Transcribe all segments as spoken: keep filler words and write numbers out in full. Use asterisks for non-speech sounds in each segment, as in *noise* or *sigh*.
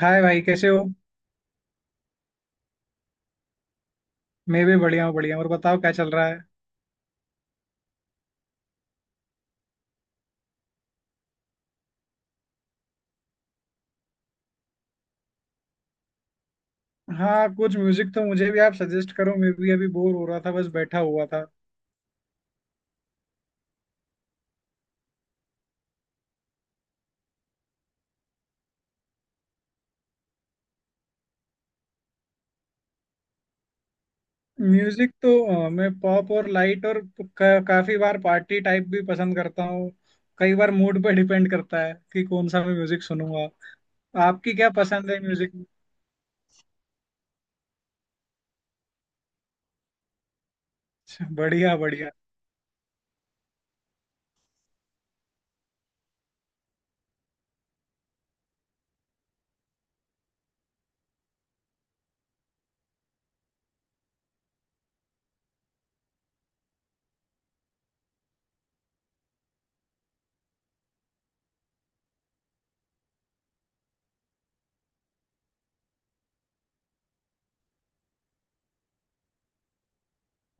हाय भाई कैसे हो? मैं भी बढ़िया हूँ बढ़िया हूँ। और बताओ क्या चल रहा है? हाँ कुछ म्यूजिक तो मुझे भी आप सजेस्ट करो, मैं भी अभी बोर हो रहा था, बस बैठा हुआ था। म्यूजिक तो अ, मैं पॉप और लाइट और का, काफी बार पार्टी टाइप भी पसंद करता हूँ। कई बार मूड पे डिपेंड करता है कि कौन सा मैं म्यूजिक सुनूंगा। आपकी क्या पसंद है म्यूजिक में? अच्छा, बढ़िया बढ़िया।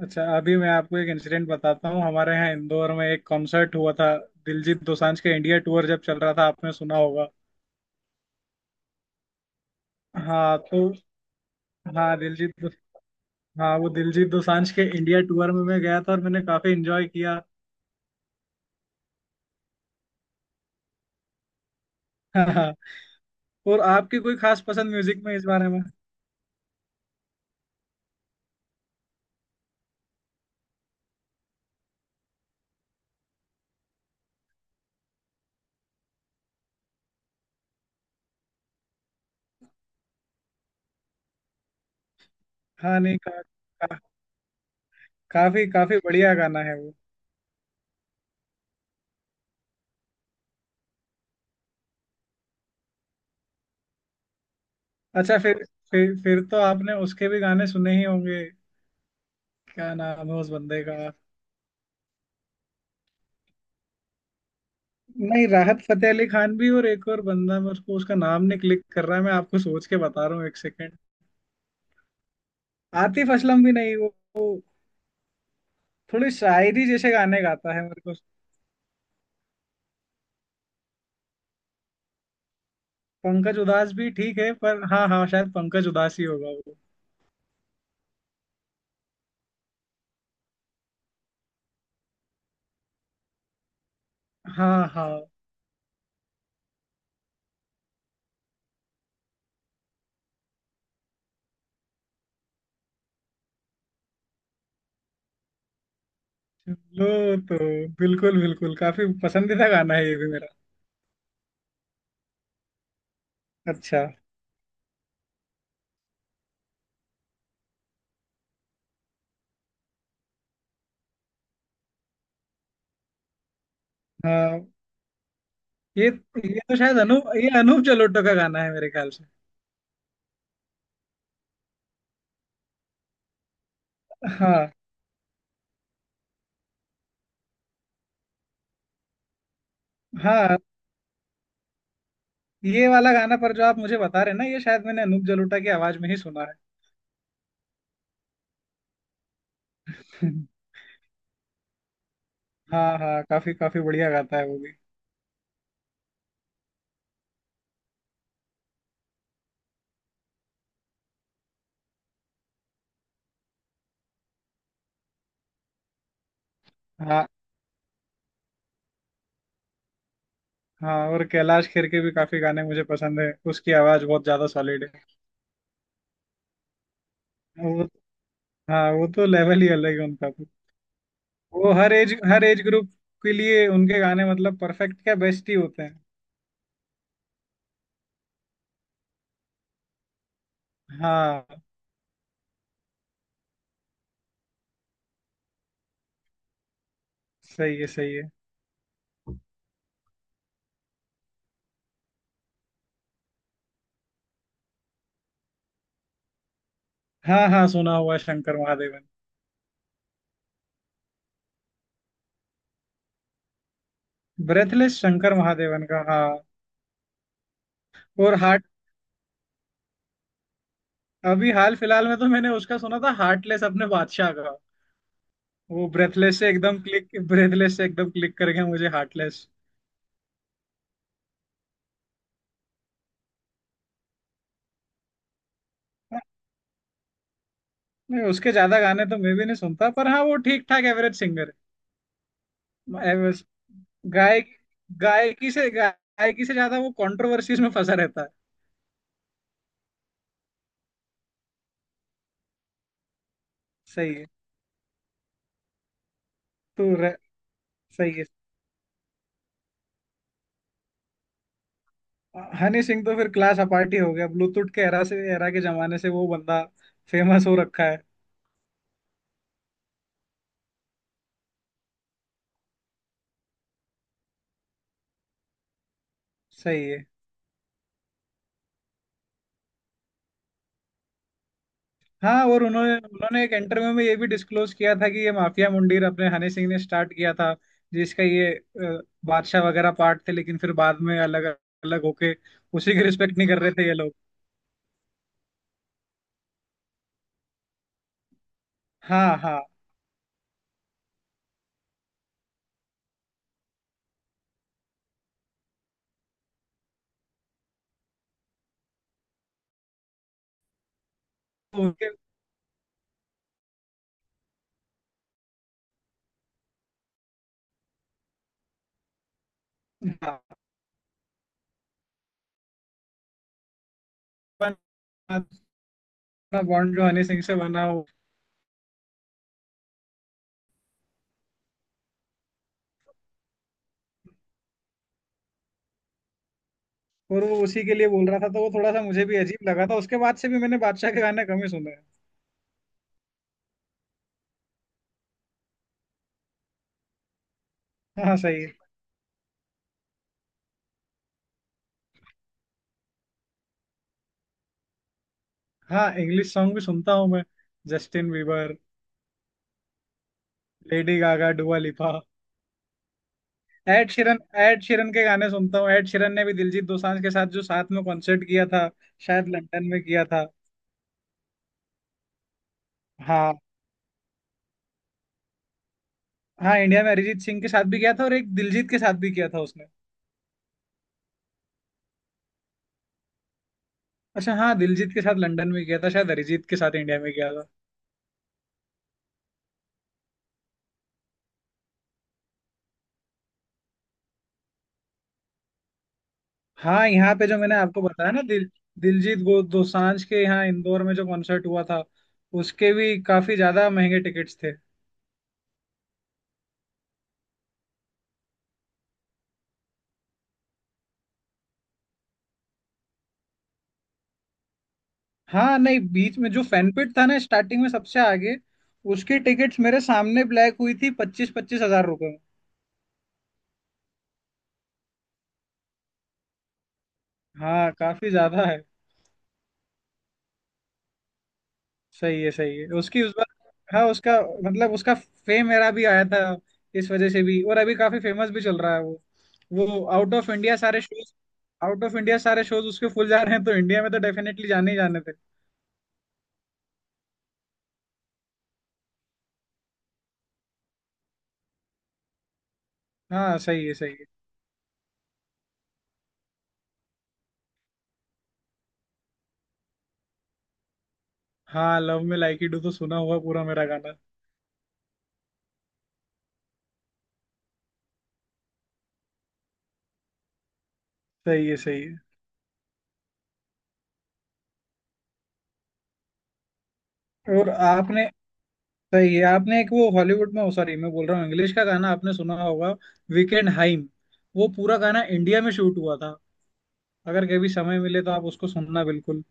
अच्छा, अभी मैं आपको एक इंसिडेंट बताता हूँ। हमारे यहाँ इंदौर में एक कॉन्सर्ट हुआ था। दिलजीत दोसांझ के इंडिया टूर जब चल रहा था आपने सुना होगा। हाँ तो। हाँ दिलजीत। हाँ, वो दिलजीत दोसांझ के इंडिया टूर में मैं गया था और मैंने काफी एंजॉय किया। *laughs* हाँ। और आपकी कोई खास पसंद म्यूजिक में इस बारे में? हाँ नहीं, का, का, काफी काफी बढ़िया गाना है वो। अच्छा। फिर फिर फिर तो आपने उसके भी गाने सुने ही होंगे। क्या नाम है उस बंदे का? नहीं राहत फतेह अली खान भी, और एक और बंदा, मैं उसको उसका नाम नहीं क्लिक कर रहा है, मैं आपको सोच के बता रहा हूँ, एक सेकेंड। आतिफ असलम भी नहीं। वो, वो थोड़ी शायरी जैसे गाने गाता है मेरे को। पंकज उदास भी ठीक है, पर हाँ हाँ शायद पंकज उदास ही होगा वो। हाँ हाँ। लो तो बिल्कुल बिल्कुल काफी पसंदीदा गाना है ये भी मेरा। अच्छा, हाँ। ये ये तो शायद अनूप ये अनूप जलोटो का गाना है मेरे ख्याल से। हाँ हाँ। ये वाला गाना पर जो आप मुझे बता रहे हैं ना, ये शायद मैंने अनूप जलोटा की आवाज में ही सुना है। *laughs* हाँ हाँ, काफी काफी बढ़िया गाता है वो भी। हाँ हाँ। और कैलाश खेर के भी काफी गाने मुझे पसंद है, उसकी आवाज बहुत ज्यादा सॉलिड है। वो हाँ, वो तो लेवल ही अलग है उनका। वो हर एज हर एज ग्रुप के लिए उनके गाने मतलब परफेक्ट, क्या बेस्ट ही होते हैं। हाँ सही है सही है। हाँ हाँ सुना हुआ है शंकर महादेवन। ब्रेथलेस शंकर महादेवन का, हाँ। और हार्ट अभी हाल फिलहाल में तो मैंने उसका सुना था हार्टलेस, अपने बादशाह का। वो ब्रेथलेस से एकदम क्लिक ब्रेथलेस से एकदम क्लिक कर गया मुझे हार्टलेस। नहीं उसके ज्यादा गाने तो मैं भी नहीं सुनता, पर हाँ वो ठीक ठाक एवरेज सिंगर है। एवरेज- गायक गायकी से गायकी से ज्यादा वो कंट्रोवर्सीज में फंसा रहता है। सही है। तो सही है। हनी सिंह तो फिर क्लास अपार्ट ही हो गया। ब्लूटूथ के एरा से एरा के जमाने से वो बंदा फेमस हो रखा है। सही है। हाँ और उन्होंने उन्होंने एक इंटरव्यू में ये भी डिस्क्लोज किया था कि ये माफिया मुंडीर अपने हनी सिंह ने स्टार्ट किया था, जिसका ये अ, बादशाह वगैरह पार्ट थे, लेकिन फिर बाद में अलग अलग होके उसी की रिस्पेक्ट नहीं कर रहे थे ये लोग। हाँ हाँ। तो उनके बॉन्ड जो हनी सिंह से बना हो, और वो उसी के लिए बोल रहा था, तो वो थोड़ा सा मुझे भी अजीब लगा था, उसके बाद से भी मैंने बादशाह के गाने कम ही सुने हैं। हाँ सही है। हाँ, इंग्लिश सॉन्ग भी सुनता हूँ मैं। Justin Bieber, Lady Gaga, Dua Lipa, add Sheeran. Add Sheeran के गाने सुनता हूँ। एड शिरन ने भी दिलजीत दोसांझ के साथ जो साथ में कॉन्सर्ट किया था, शायद लंदन में किया था। हाँ हाँ, इंडिया में अरिजीत सिंह के साथ भी किया था और एक दिलजीत के साथ भी किया था उसने। अच्छा हाँ, दिलजीत के साथ लंदन में किया था, शायद अरिजीत के साथ इंडिया में किया था। हाँ, यहाँ पे जो मैंने आपको बताया ना, दिल दिलजीत गो दोसांझ के यहाँ इंदौर में जो कॉन्सर्ट हुआ था, उसके भी काफी ज्यादा महंगे टिकट्स थे। हाँ नहीं, बीच में जो फैनपिट था ना स्टार्टिंग में सबसे आगे, उसकी टिकट्स मेरे सामने ब्लैक हुई थी पच्चीस पच्चीस हजार रुपये में। हाँ काफी ज्यादा है। सही है सही है उसकी उस बार। हाँ उसका, मतलब उसका फेम मेरा भी आया था इस वजह से भी, और अभी काफी फेमस भी चल रहा है वो। वो आउट ऑफ इंडिया सारे शोज आउट ऑफ इंडिया सारे शोज उसके फुल जा रहे हैं, तो इंडिया में तो डेफिनेटली जाने ही जाने थे। हाँ सही है सही है। हाँ love me like you do तो सुना हुआ पूरा मेरा गाना। सही है सही है। और आपने सही है। आपने एक वो हॉलीवुड में, सॉरी मैं बोल रहा हूँ, इंग्लिश का गाना आपने सुना होगा, वीकेंड हाइम। वो पूरा गाना इंडिया में शूट हुआ था, अगर कभी समय मिले तो आप उसको सुनना, बिल्कुल।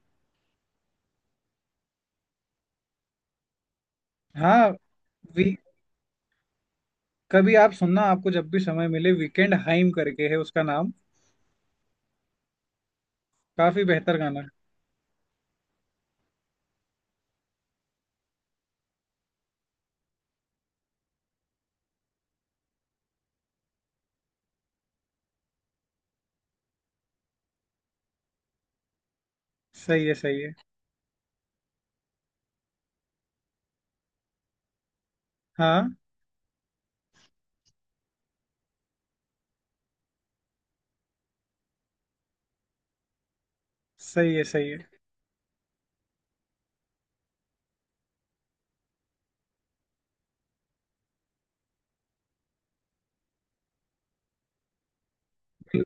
हाँ, वी, कभी आप सुनना आपको जब भी समय मिले, वीकेंड हाइम करके है उसका नाम, काफी बेहतर गाना है। सही है सही है। हाँ सही है सही है। बिल-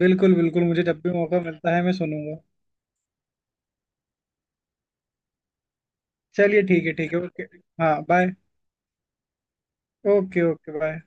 बिल्कुल बिल्कुल, मुझे जब भी मौका मिलता है मैं सुनूंगा। चलिए ठीक है ठीक है, ओके। हाँ बाय। Okay okay bye.